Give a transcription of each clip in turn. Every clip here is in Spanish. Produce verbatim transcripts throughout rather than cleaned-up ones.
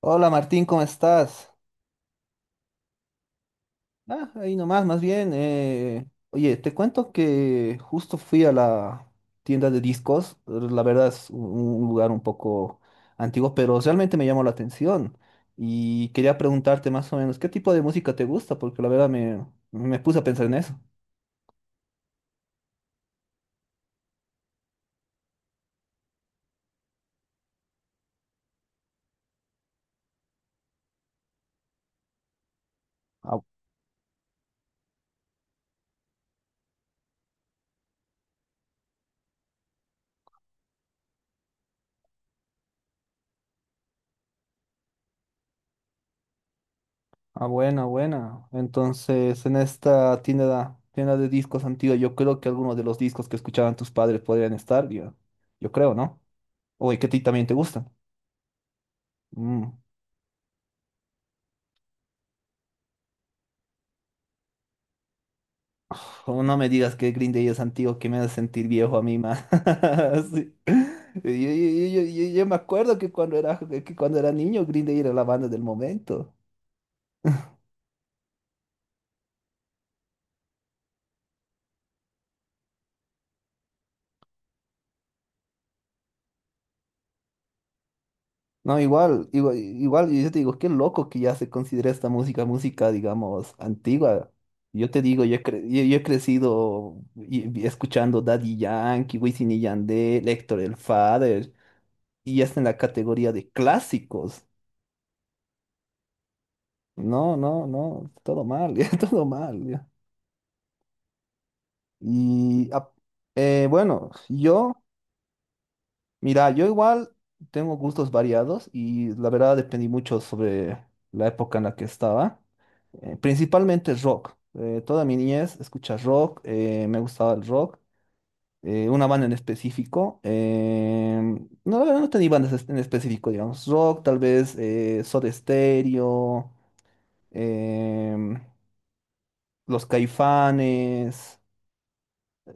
Hola, Martín, ¿cómo estás? Ah, ahí nomás, más bien. eh, Oye, te cuento que justo fui a la tienda de discos. La verdad es un un lugar un poco antiguo, pero realmente me llamó la atención. Y quería preguntarte más o menos, ¿qué tipo de música te gusta? Porque la verdad me, me puse a pensar en eso. Ah, ah, buena, buena. Entonces, en esta tienda, tienda de discos antigua, yo creo que algunos de los discos que escuchaban tus padres podrían estar, yo, yo creo, ¿no? Oye, que a ti también te gustan. Mm. Oh, no me digas que Green Day es antiguo, que me hace sentir viejo a mí más. Sí. Yo, yo- yo- yo- yo- yo me acuerdo que cuando era, que cuando era niño, Green Day era la banda del momento. No, igual, igual, igual, yo te digo, qué loco que ya se considera esta música, música, digamos, antigua. Yo te digo, yo he, cre- yo, yo he crecido y- y escuchando Daddy Yankee, Wisin y Yandel, Héctor el Father, y ya está en la categoría de clásicos. No, no, no, todo mal, ya, todo mal, ya. Y ap- eh, bueno, yo, mira, yo igual tengo gustos variados y la verdad dependí mucho sobre la época en la que estaba. Eh, principalmente rock. Eh, toda mi niñez escucha rock, eh, me gustaba el rock. Eh, una banda en específico. Em, no, la verdad no tenía bandas es- en específico, digamos. Rock, tal vez eh, Soda Stereo, em, Los Caifanes.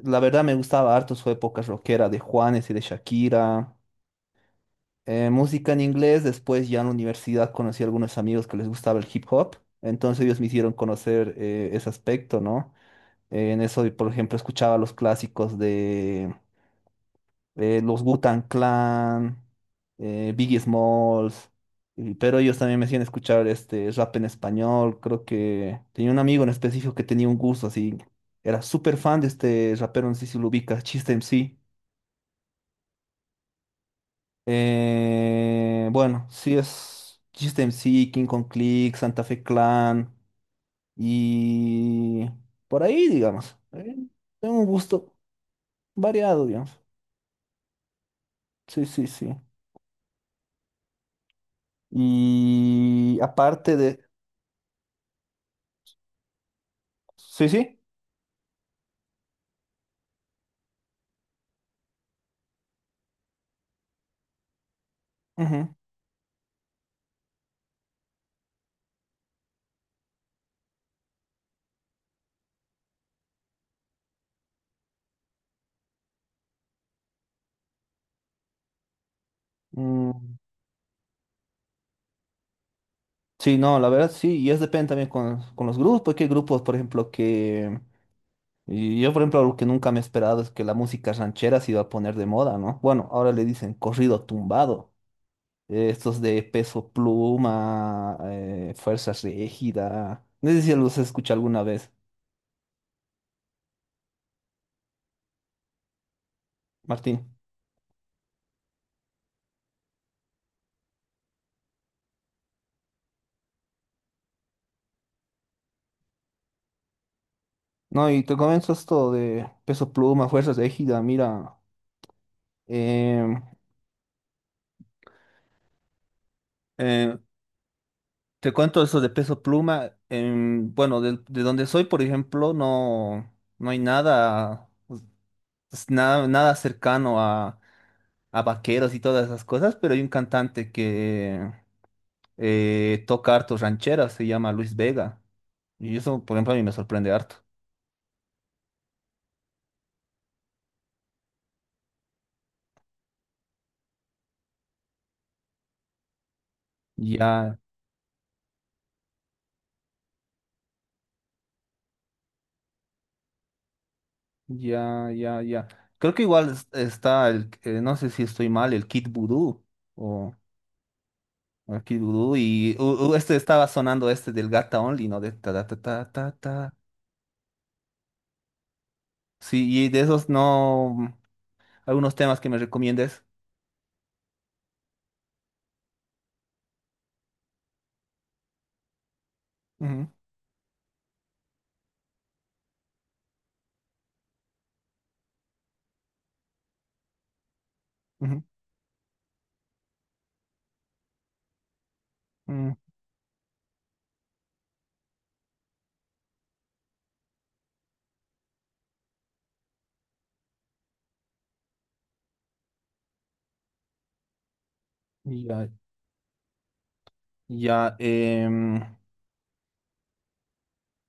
La verdad me gustaba harto su época rockera de Juanes y de Shakira. Eh, música en inglés, después ya en la universidad conocí a algunos amigos que les gustaba el hip hop, entonces ellos me hicieron conocer eh, ese aspecto, ¿no? Eh, en eso, por ejemplo, escuchaba los clásicos de eh, los Wu-Tang Clan, eh, Biggie Smalls, y- pero ellos también me hacían escuchar este rap en español. Creo que tenía un amigo en específico que tenía un gusto así, era súper fan de este rapero, no sé si lo ubicas, Chiste M C. Eh, bueno, sí es System C, King Kong Click, Santa Fe Clan y por ahí, digamos. Eh, Tengo un gusto variado, digamos. Sí, sí, sí. Y aparte de... Sí, sí. Ujú, mm, sí, no, la verdad sí. Y es depende también con, con los grupos. Que hay grupos, por ejemplo, que... y yo, por ejemplo, algo que nunca me he esperado es que la música ranchera se iba a poner de moda, ¿no? Bueno, ahora le dicen corrido tumbado. Eh, estos de peso pluma, eh, fuerza rígida. No sé si los escuché alguna vez, Martín. No, y te comento esto de peso pluma, fuerza rígida. Mira, em, eh, te cuento eso de peso pluma. Em, bueno, de, de donde soy, por ejemplo, no, no hay nada, pues, pues, nada, nada cercano a, a vaqueros y todas esas cosas, pero hay un cantante que eh, toca hartos rancheras, se llama Luis Vega. Y eso, por ejemplo, a mí me sorprende harto. Ya, ya, ya, ya. Creo que igual es- está el, eh, no sé si estoy mal, el Kid Voodoo o, o el Kid Voodoo y u- u, este estaba sonando este del Gata Only, ¿no? De ta ta ta ta ta. Ta. Sí, y de esos no, algunos temas que me recomiendes. Ujú, ujú, mm, ya, ya. em,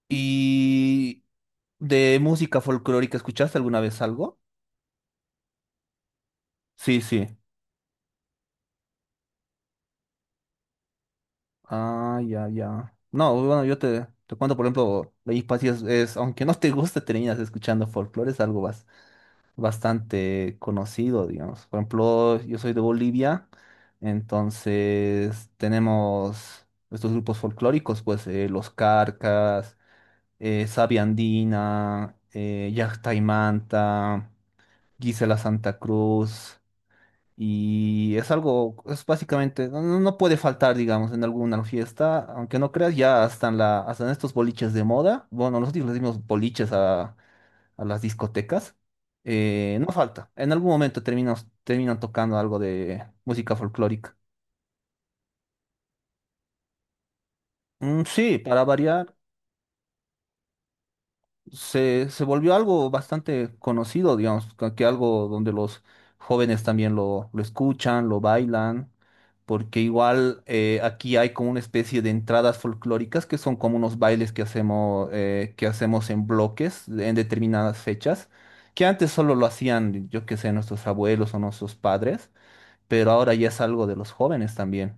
Y de música folclórica, ¿escuchaste alguna vez algo? Sí, sí. Ah, ya, ya. No, bueno, yo te, te cuento, por ejemplo, Ley y es, es- aunque no te guste, terminas escuchando folclore, es algo bas- bastante conocido, digamos. Por ejemplo, yo soy de Bolivia, entonces tenemos estos grupos folclóricos, pues eh, Los Carcas, eh, Sabia Andina, eh, Llacta y Manta, Gisela Santa Cruz. Y es algo, es básicamente, no, no- no puede faltar, digamos, en alguna fiesta, aunque no creas, ya hasta en la, hasta en estos boliches de moda, bueno, nosotros le dimos boliches a, a las discotecas, eh, no falta, en algún momento terminas, terminan tocando algo de música folclórica. Mm, sí, para variar, se, se volvió algo bastante conocido, digamos, que, que algo donde los jóvenes también lo, lo escuchan, lo bailan, porque igual eh, aquí hay como una especie de entradas folclóricas que son como unos bailes que hacemos, eh, que hacemos en bloques en determinadas fechas, que antes solo lo hacían, yo qué sé, nuestros abuelos o nuestros padres, pero ahora ya es algo de los jóvenes también.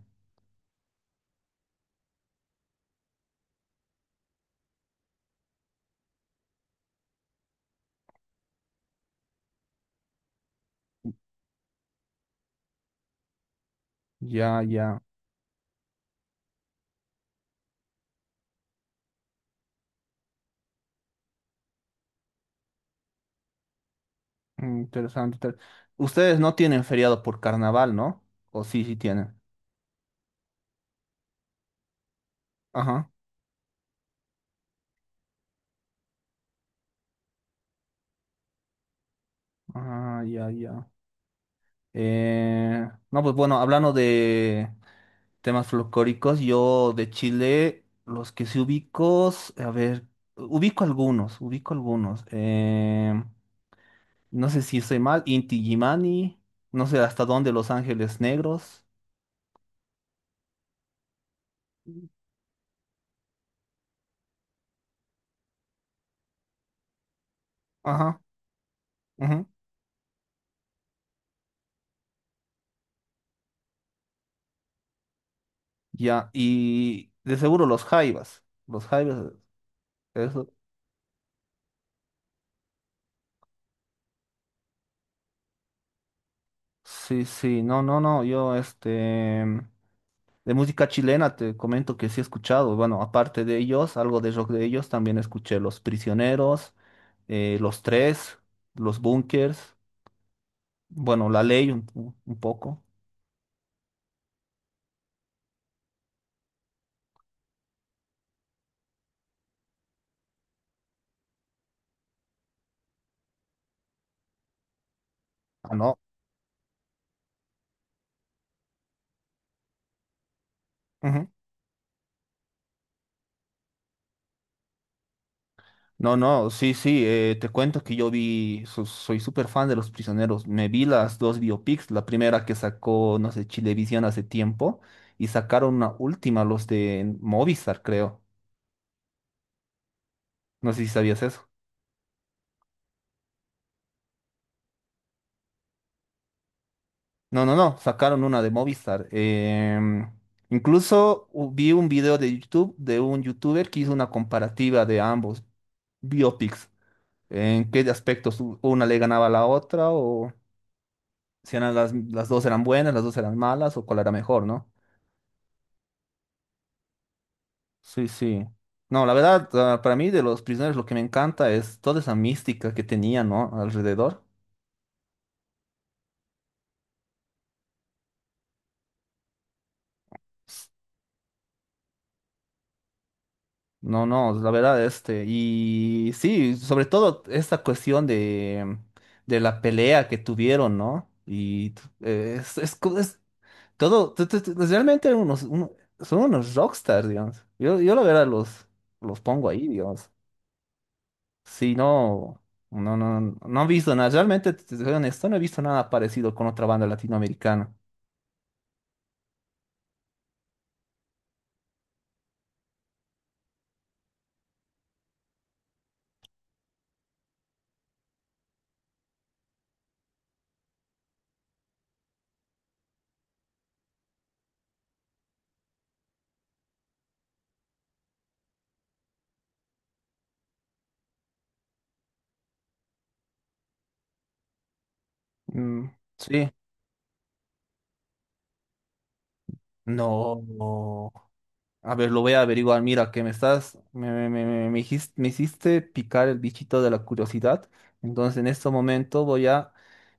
Ya, ya, mm, interesante. inter- Ustedes no tienen feriado por carnaval, ¿no? O sí, sí tienen. Ajá. Ah, ya, ya. Eh, no, pues bueno, hablando de temas folclóricos, yo de Chile, los que sí ubico, a ver, ubico algunos, ubico algunos. Eh, no sé si estoy mal, Inti Gimani, no sé hasta dónde Los Ángeles Negros. Ajá, ujú, ya, y de seguro los Jaivas, los Jaivas, eso. Sí, sí, no, no, no, yo este... De música chilena te comento que sí he escuchado, bueno, aparte de ellos, algo de rock de ellos, también escuché Los Prisioneros, eh, Los Tres, Los Bunkers, bueno, La Ley un, un- un poco. Ah, no. Ujú. No, no, sí, sí, eh, te cuento que yo vi, so- soy súper fan de Los Prisioneros, me vi las dos biopics, la primera que sacó, no sé, Chilevisión hace tiempo, y sacaron una última, los de Movistar, creo. No sé si sabías eso. No, no, no, sacaron una de Movistar. Em, incluso u- vi un video de YouTube de un youtuber que hizo una comparativa de ambos biopics, en qué aspectos u- una le ganaba a la otra, o si eran las, las dos eran buenas, las dos eran malas, o cuál era mejor, ¿no? Sí, sí. No, la verdad, ah, para mí de Los Prisioneros lo que me encanta es toda esa mística que tenía, ¿no? Alrededor. No, no, la verdad, este, y sí, sobre todo esta cuestión de, de la pelea que tuvieron, ¿no? Y t- eh, es, es, co- es todo, t- t- t- pues, realmente unos, uno- son unos rockstars, digamos. Yo, yo la verdad los, los pongo ahí, digamos. Sí, no, no, no, no he visto nada, realmente, te te soy honesto, no he visto nada parecido con otra banda latinoamericana. Mm, sí, no. A ver, lo voy a averiguar. Mira, que me estás, me, me, me, me- me hijis- me hiciste picar el bichito de la curiosidad. Entonces, en este momento voy a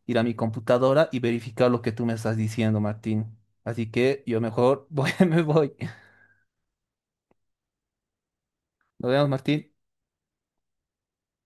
ir a mi computadora y verificar lo que tú me estás diciendo, Martín. Así que yo mejor voy, me voy. Nos vemos, Martín.